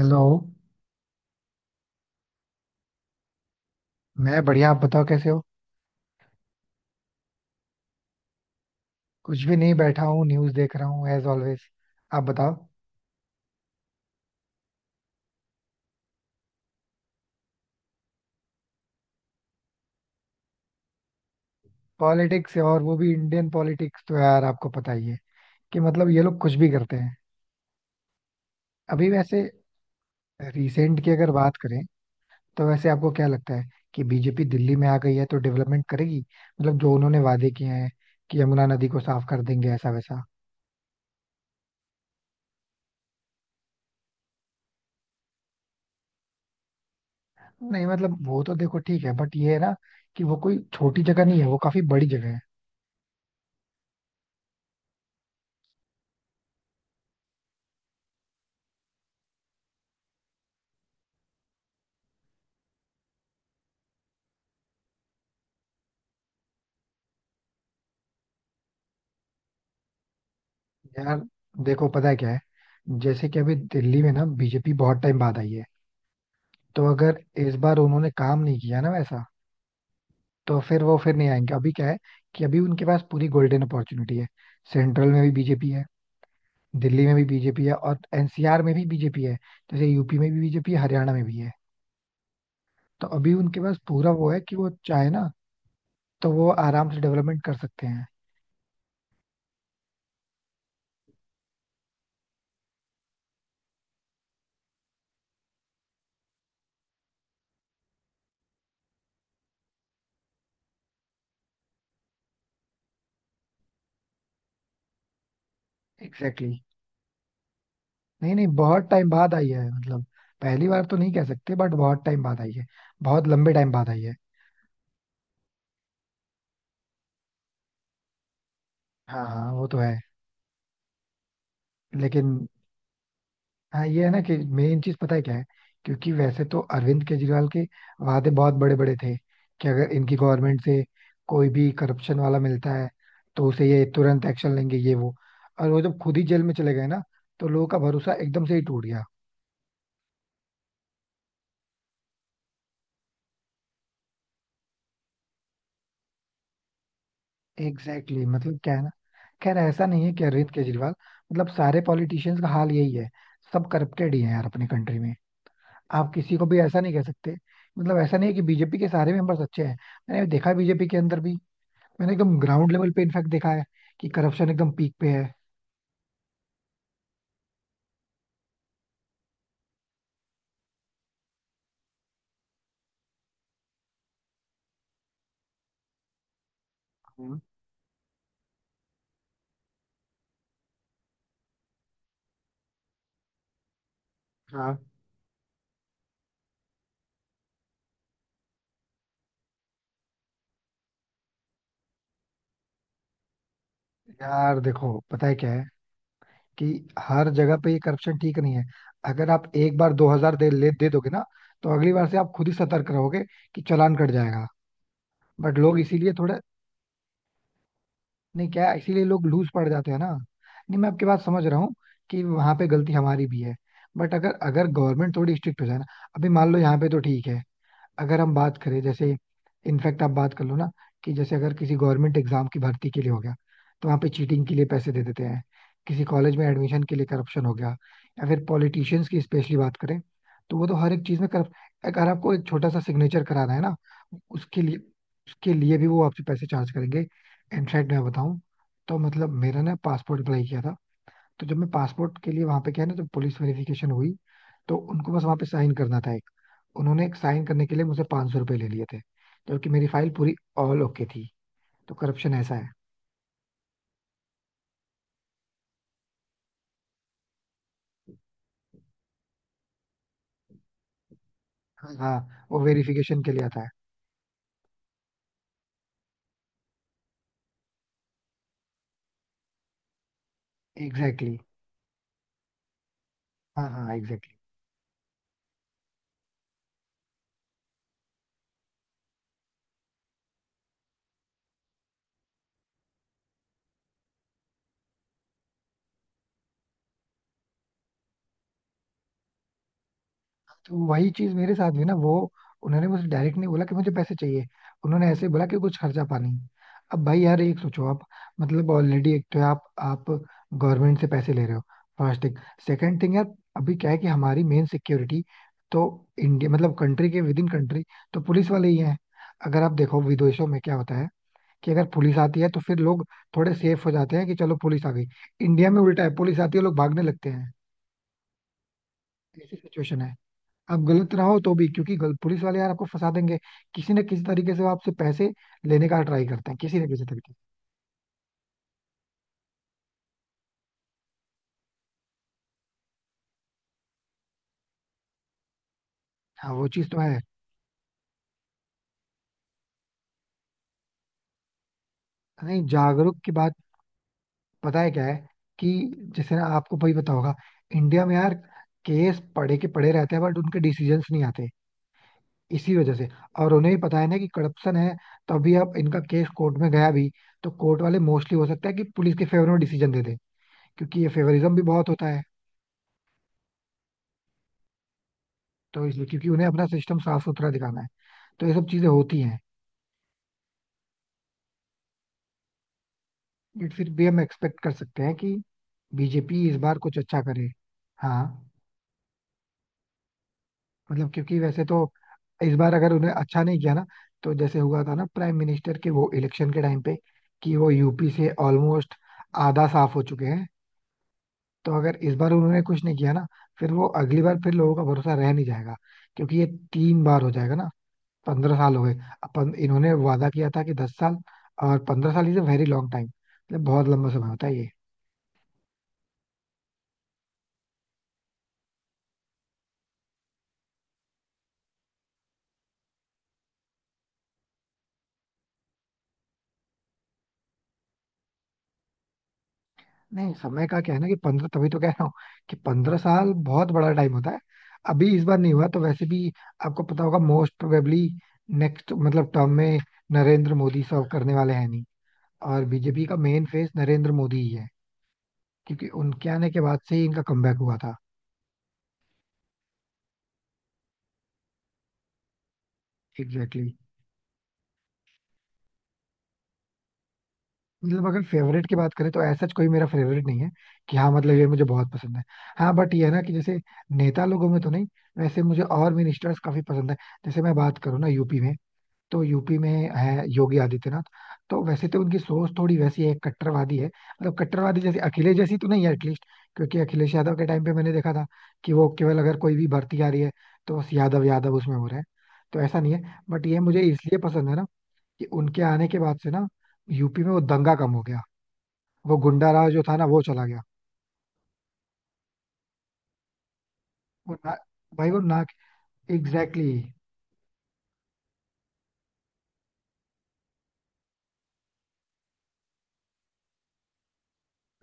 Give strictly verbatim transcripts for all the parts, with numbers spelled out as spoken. Hello. मैं बढ़िया, आप बताओ कैसे हो. कुछ भी नहीं, बैठा हूँ न्यूज़ देख रहा हूँ एज ऑलवेज. आप बताओ. पॉलिटिक्स और वो भी इंडियन पॉलिटिक्स, तो यार आपको पता ही है कि मतलब ये लोग कुछ भी करते हैं. अभी वैसे रिसेंट की अगर बात करें, तो वैसे आपको क्या लगता है कि बीजेपी दिल्ली में आ गई है तो डेवलपमेंट करेगी, मतलब जो उन्होंने वादे किए हैं कि यमुना नदी को साफ कर देंगे ऐसा वैसा. नहीं मतलब वो तो देखो ठीक है, बट ये है ना कि वो कोई छोटी जगह नहीं है, वो काफी बड़ी जगह है. यार देखो पता है क्या है, जैसे कि अभी दिल्ली में ना बीजेपी बहुत टाइम बाद आई है. तो अगर इस बार उन्होंने काम नहीं किया ना वैसा, तो फिर वो फिर नहीं आएंगे. अभी क्या है कि अभी उनके पास पूरी गोल्डन अपॉर्चुनिटी है. सेंट्रल में भी बीजेपी है, दिल्ली में भी बीजेपी है और एनसीआर में भी बीजेपी है. जैसे यूपी में भी बीजेपी है, हरियाणा में भी है. तो अभी उनके पास पूरा वो है कि वो चाहे ना तो वो आराम से डेवलपमेंट कर सकते हैं. एग्जैक्टली. नहीं नहीं बहुत टाइम बाद आई है, मतलब पहली बार तो नहीं कह सकते बट बहुत टाइम बाद आई है. बहुत लंबे टाइम बाद आई है. हाँ हाँ वो तो है. लेकिन हाँ ये है ना कि मेन चीज पता है क्या है, क्योंकि वैसे तो अरविंद केजरीवाल के वादे बहुत बड़े बड़े थे कि अगर इनकी गवर्नमेंट से कोई भी करप्शन वाला मिलता है तो उसे ये तुरंत एक्शन लेंगे ये वो. और वो जब खुद ही जेल में चले गए ना, तो लोगों का भरोसा एकदम से ही टूट गया. एग्जैक्टली exactly, मतलब क्या है ना. खैर ऐसा नहीं है कि अरविंद केजरीवाल, मतलब सारे पॉलिटिशियंस का हाल यही है. सब करप्टेड ही है यार अपने कंट्री में, आप किसी को भी ऐसा नहीं कह सकते. मतलब ऐसा नहीं है कि बीजेपी के सारे मेंबर्स अच्छे हैं. मैंने देखा है बीजेपी के अंदर भी, मैंने एकदम ग्राउंड लेवल पे इनफैक्ट देखा है कि करप्शन एकदम पीक पे है. हम्म, हाँ. यार देखो पता है क्या है, कि हर जगह पे ये करप्शन ठीक नहीं है. अगर आप एक बार दो हजार दे ले दे दोगे ना, तो अगली बार से आप खुद ही सतर्क रहोगे कि चालान कट जाएगा. बट लोग इसीलिए थोड़ा. नहीं क्या है, इसीलिए लोग लूज पड़ जाते हैं ना. नहीं मैं आपकी बात समझ रहा हूँ कि वहां पे गलती हमारी भी है, बट अगर अगर गवर्नमेंट थोड़ी स्ट्रिक्ट हो जाए ना. अभी मान लो यहाँ पे तो ठीक है, अगर हम बात करें जैसे, इनफैक्ट आप बात कर लो ना कि जैसे अगर किसी गवर्नमेंट एग्जाम की भर्ती के लिए हो गया, तो वहाँ पे चीटिंग के लिए पैसे दे देते हैं. किसी कॉलेज में एडमिशन के लिए करप्शन हो गया, या फिर पॉलिटिशियंस की स्पेशली बात करें, तो वो तो हर एक चीज में करप. अगर आपको एक छोटा सा सिग्नेचर कराना है ना, उसके लिए, उसके लिए भी वो आपसे पैसे चार्ज करेंगे. इनफैक्ट मैं बताऊं, तो मतलब मेरा ना पासपोर्ट अप्लाई किया था, तो जब मैं पासपोर्ट के लिए वहां पे गया ना, जब पुलिस वेरिफिकेशन हुई, तो उनको बस वहां पे साइन करना था एक. उन्होंने एक साइन करने के लिए मुझसे पांच सौ रुपये ले लिए थे, जबकि मेरी फाइल पूरी ऑल ओके थी. तो करप्शन ऐसा है. हाँ हाँ, वो वेरिफिकेशन के लिए आता है. Exactly exactly. हाँ हाँ एग्जैक्टली. तो वही चीज मेरे साथ भी ना वो, उन्होंने मुझे डायरेक्ट नहीं बोला कि मुझे पैसे चाहिए. उन्होंने ऐसे बोला कि कुछ खर्चा पानी. अब भाई यार एक सोचो आप, मतलब ऑलरेडी एक तो आप आप गवर्नमेंट से पैसे ले रहे हो, फर्स्ट थिंग. सेकंड थिंग यार, अभी क्या है कि हमारी मेन सिक्योरिटी तो इंडिया, मतलब कंट्री के विद इन कंट्री, तो पुलिस वाले ही हैं. अगर आप देखो विदेशों में क्या होता है, कि अगर पुलिस आती है तो फिर लोग थोड़े सेफ हो जाते हैं कि चलो पुलिस आ गई. इंडिया में उल्टा है, पुलिस आती है लोग भागने लगते हैं. ऐसी सिचुएशन है. आप गलत रहो तो भी, क्योंकि गल, पुलिस वाले यार आपको फंसा देंगे. किसी न किसी तरीके से वो आपसे पैसे लेने का ट्राई करते हैं, किसी न किसी तरीके से. हाँ वो चीज तो है. नहीं जागरूक की बात पता है क्या है, कि जैसे ना आपको भाई पता होगा, इंडिया में यार केस पड़े के पड़े रहते हैं बट उनके डिसीजंस नहीं आते, इसी वजह से. और उन्हें भी पता है ना कि करप्शन है, तभी अब इनका केस कोर्ट में गया भी, तो कोर्ट वाले मोस्टली हो सकता है कि पुलिस के फेवर में डिसीजन दे दें, क्योंकि ये फेवरिज्म भी बहुत होता है. तो इसलिए, क्योंकि उन्हें अपना सिस्टम साफ सुथरा दिखाना है, तो ये सब चीजें होती हैं. बट फिर भी हम एक्सपेक्ट कर सकते हैं कि बीजेपी इस बार कुछ अच्छा करे. हाँ मतलब क्योंकि वैसे तो, इस बार अगर उन्हें अच्छा नहीं किया ना, तो जैसे हुआ था ना प्राइम मिनिस्टर के वो इलेक्शन के टाइम पे, कि वो यूपी से ऑलमोस्ट आधा साफ हो चुके हैं. तो अगर इस बार उन्होंने कुछ नहीं किया ना, फिर वो अगली बार फिर लोगों का भरोसा रह नहीं जाएगा. क्योंकि ये तीन बार हो जाएगा ना, पंद्रह साल हो गए. अपन इन्होंने वादा किया था कि दस साल, और पंद्रह साल is a very long time, मतलब बहुत लंबा समय होता है ये. नहीं समय का क्या है ना, कि पंद्रह तभी तो कह रहा हूँ कि पंद्रह साल बहुत बड़ा टाइम होता है. अभी इस बार नहीं हुआ तो वैसे भी आपको पता होगा, मोस्ट प्रोबेबली नेक्स्ट मतलब टर्म में नरेंद्र मोदी सर्व करने वाले हैं नहीं, और बीजेपी का मेन फेस नरेंद्र मोदी ही है. क्योंकि उनके आने के बाद से ही इनका कमबैक हुआ था. Exactly exactly. मतलब अगर फेवरेट की बात करें तो ऐसा कोई मेरा फेवरेट नहीं है कि हाँ मतलब ये मुझे बहुत पसंद है. हाँ बट ये है ना कि जैसे नेता लोगों में तो नहीं, वैसे मुझे और मिनिस्टर्स काफी पसंद है. जैसे मैं बात करूँ ना यूपी में, तो यूपी में है योगी आदित्यनाथ. तो वैसे तो उनकी सोच थोड़ी वैसी है कट्टरवादी है, मतलब कट्टरवादी जैसे अखिलेश जैसी तो नहीं है एटलीस्ट. क्योंकि अखिलेश यादव के टाइम पे मैंने देखा था कि वो केवल, अगर कोई भी भर्ती आ रही है, तो बस यादव यादव उसमें हो रहा है. तो ऐसा नहीं है, बट ये मुझे इसलिए पसंद है ना कि उनके आने के बाद से ना यूपी में वो दंगा कम हो गया, वो गुंडा राज जो था ना वो चला गया. वो ना, भाई वो ना. Exactly exactly.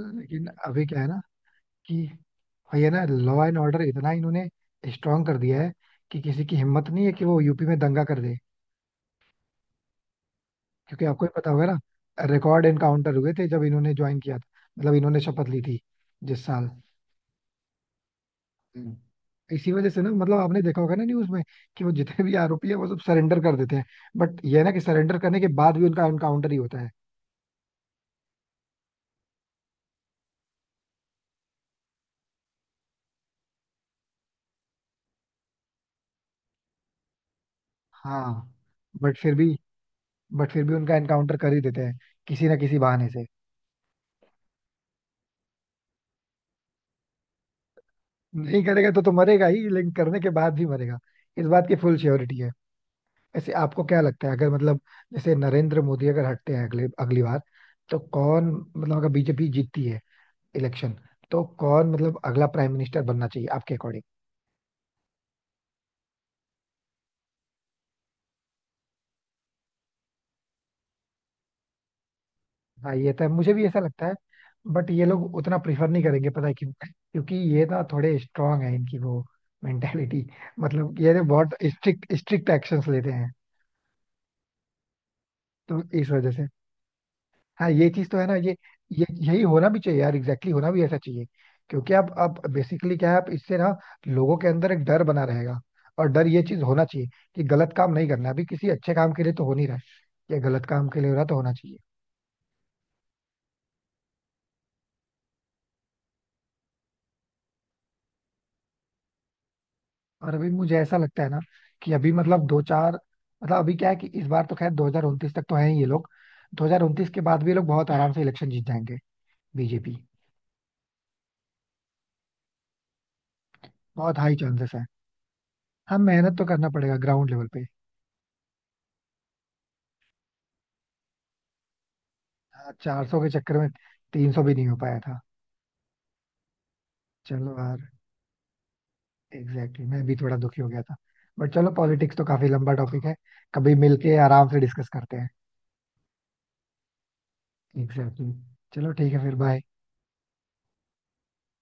लेकिन अभी क्या है ना कि, और ये ना लॉ एंड ऑर्डर इतना इन्होंने स्ट्रांग कर दिया है कि किसी की हिम्मत नहीं है कि वो यूपी में दंगा कर दे. क्योंकि आपको ही पता होगा ना, रिकॉर्ड एनकाउंटर हुए थे जब इन्होंने ज्वाइन किया था, मतलब इन्होंने शपथ ली थी जिस साल. हम्म. इसी वजह से ना, मतलब आपने देखा होगा ना न्यूज में कि वो जितने भी आरोपी है वो सब सरेंडर कर देते हैं. बट ये है ना कि सरेंडर करने के बाद भी उनका एनकाउंटर ही होता है. हाँ. बट फिर भी बट फिर भी उनका एनकाउंटर कर ही देते हैं, किसी ना किसी बहाने से. नहीं करेगा तो तो मरेगा ही, लेकिन करने के बाद भी मरेगा. इस बात की फुल श्योरिटी है. ऐसे आपको क्या लगता है, अगर मतलब जैसे नरेंद्र मोदी अगर हटते हैं अगले अगली बार, तो कौन, मतलब अगर बीजेपी जीतती है इलेक्शन, तो कौन मतलब अगला प्राइम मिनिस्टर बनना चाहिए आपके अकॉर्डिंग. हाँ ये तो है, मुझे भी ऐसा लगता है. बट ये लोग उतना प्रीफर नहीं करेंगे, पता है क्यों, क्योंकि ये ना थोड़े स्ट्रांग है इनकी वो मेंटेलिटी. मतलब ये ना बहुत स्ट्रिक्ट, स्ट्रिक्ट एक्शंस लेते हैं. तो इस वजह से, हाँ ये चीज तो है ना. ये ये यही होना भी चाहिए यार, एग्जैक्टली होना भी ऐसा चाहिए. क्योंकि आप आप बेसिकली क्या है, आप इससे ना लोगों के अंदर एक डर बना रहेगा, और डर ये चीज होना चाहिए कि गलत काम नहीं करना है. अभी किसी अच्छे काम के लिए तो हो नहीं रहा है, ये गलत काम के लिए हो रहा तो होना चाहिए. और अभी मुझे ऐसा लगता है ना कि अभी, मतलब दो चार, मतलब अभी क्या है कि इस बार तो खैर दो हजार उनतीस तक तो है ही ये लोग. दो हजार उनतीस के बाद भी ये लोग बहुत आराम से इलेक्शन जीत जाएंगे, बीजेपी. बहुत हाई चांसेस है. हाँ मेहनत तो करना पड़ेगा ग्राउंड लेवल पे. चार सौ के चक्कर में तीन सौ भी नहीं हो पाया था. चलो यार एग्जैक्टली exactly, मैं भी थोड़ा दुखी हो गया था. बट चलो पॉलिटिक्स तो काफी लंबा टॉपिक है, कभी मिलके आराम से डिस्कस करते हैं. Exactly exactly. चलो ठीक है फिर बाय.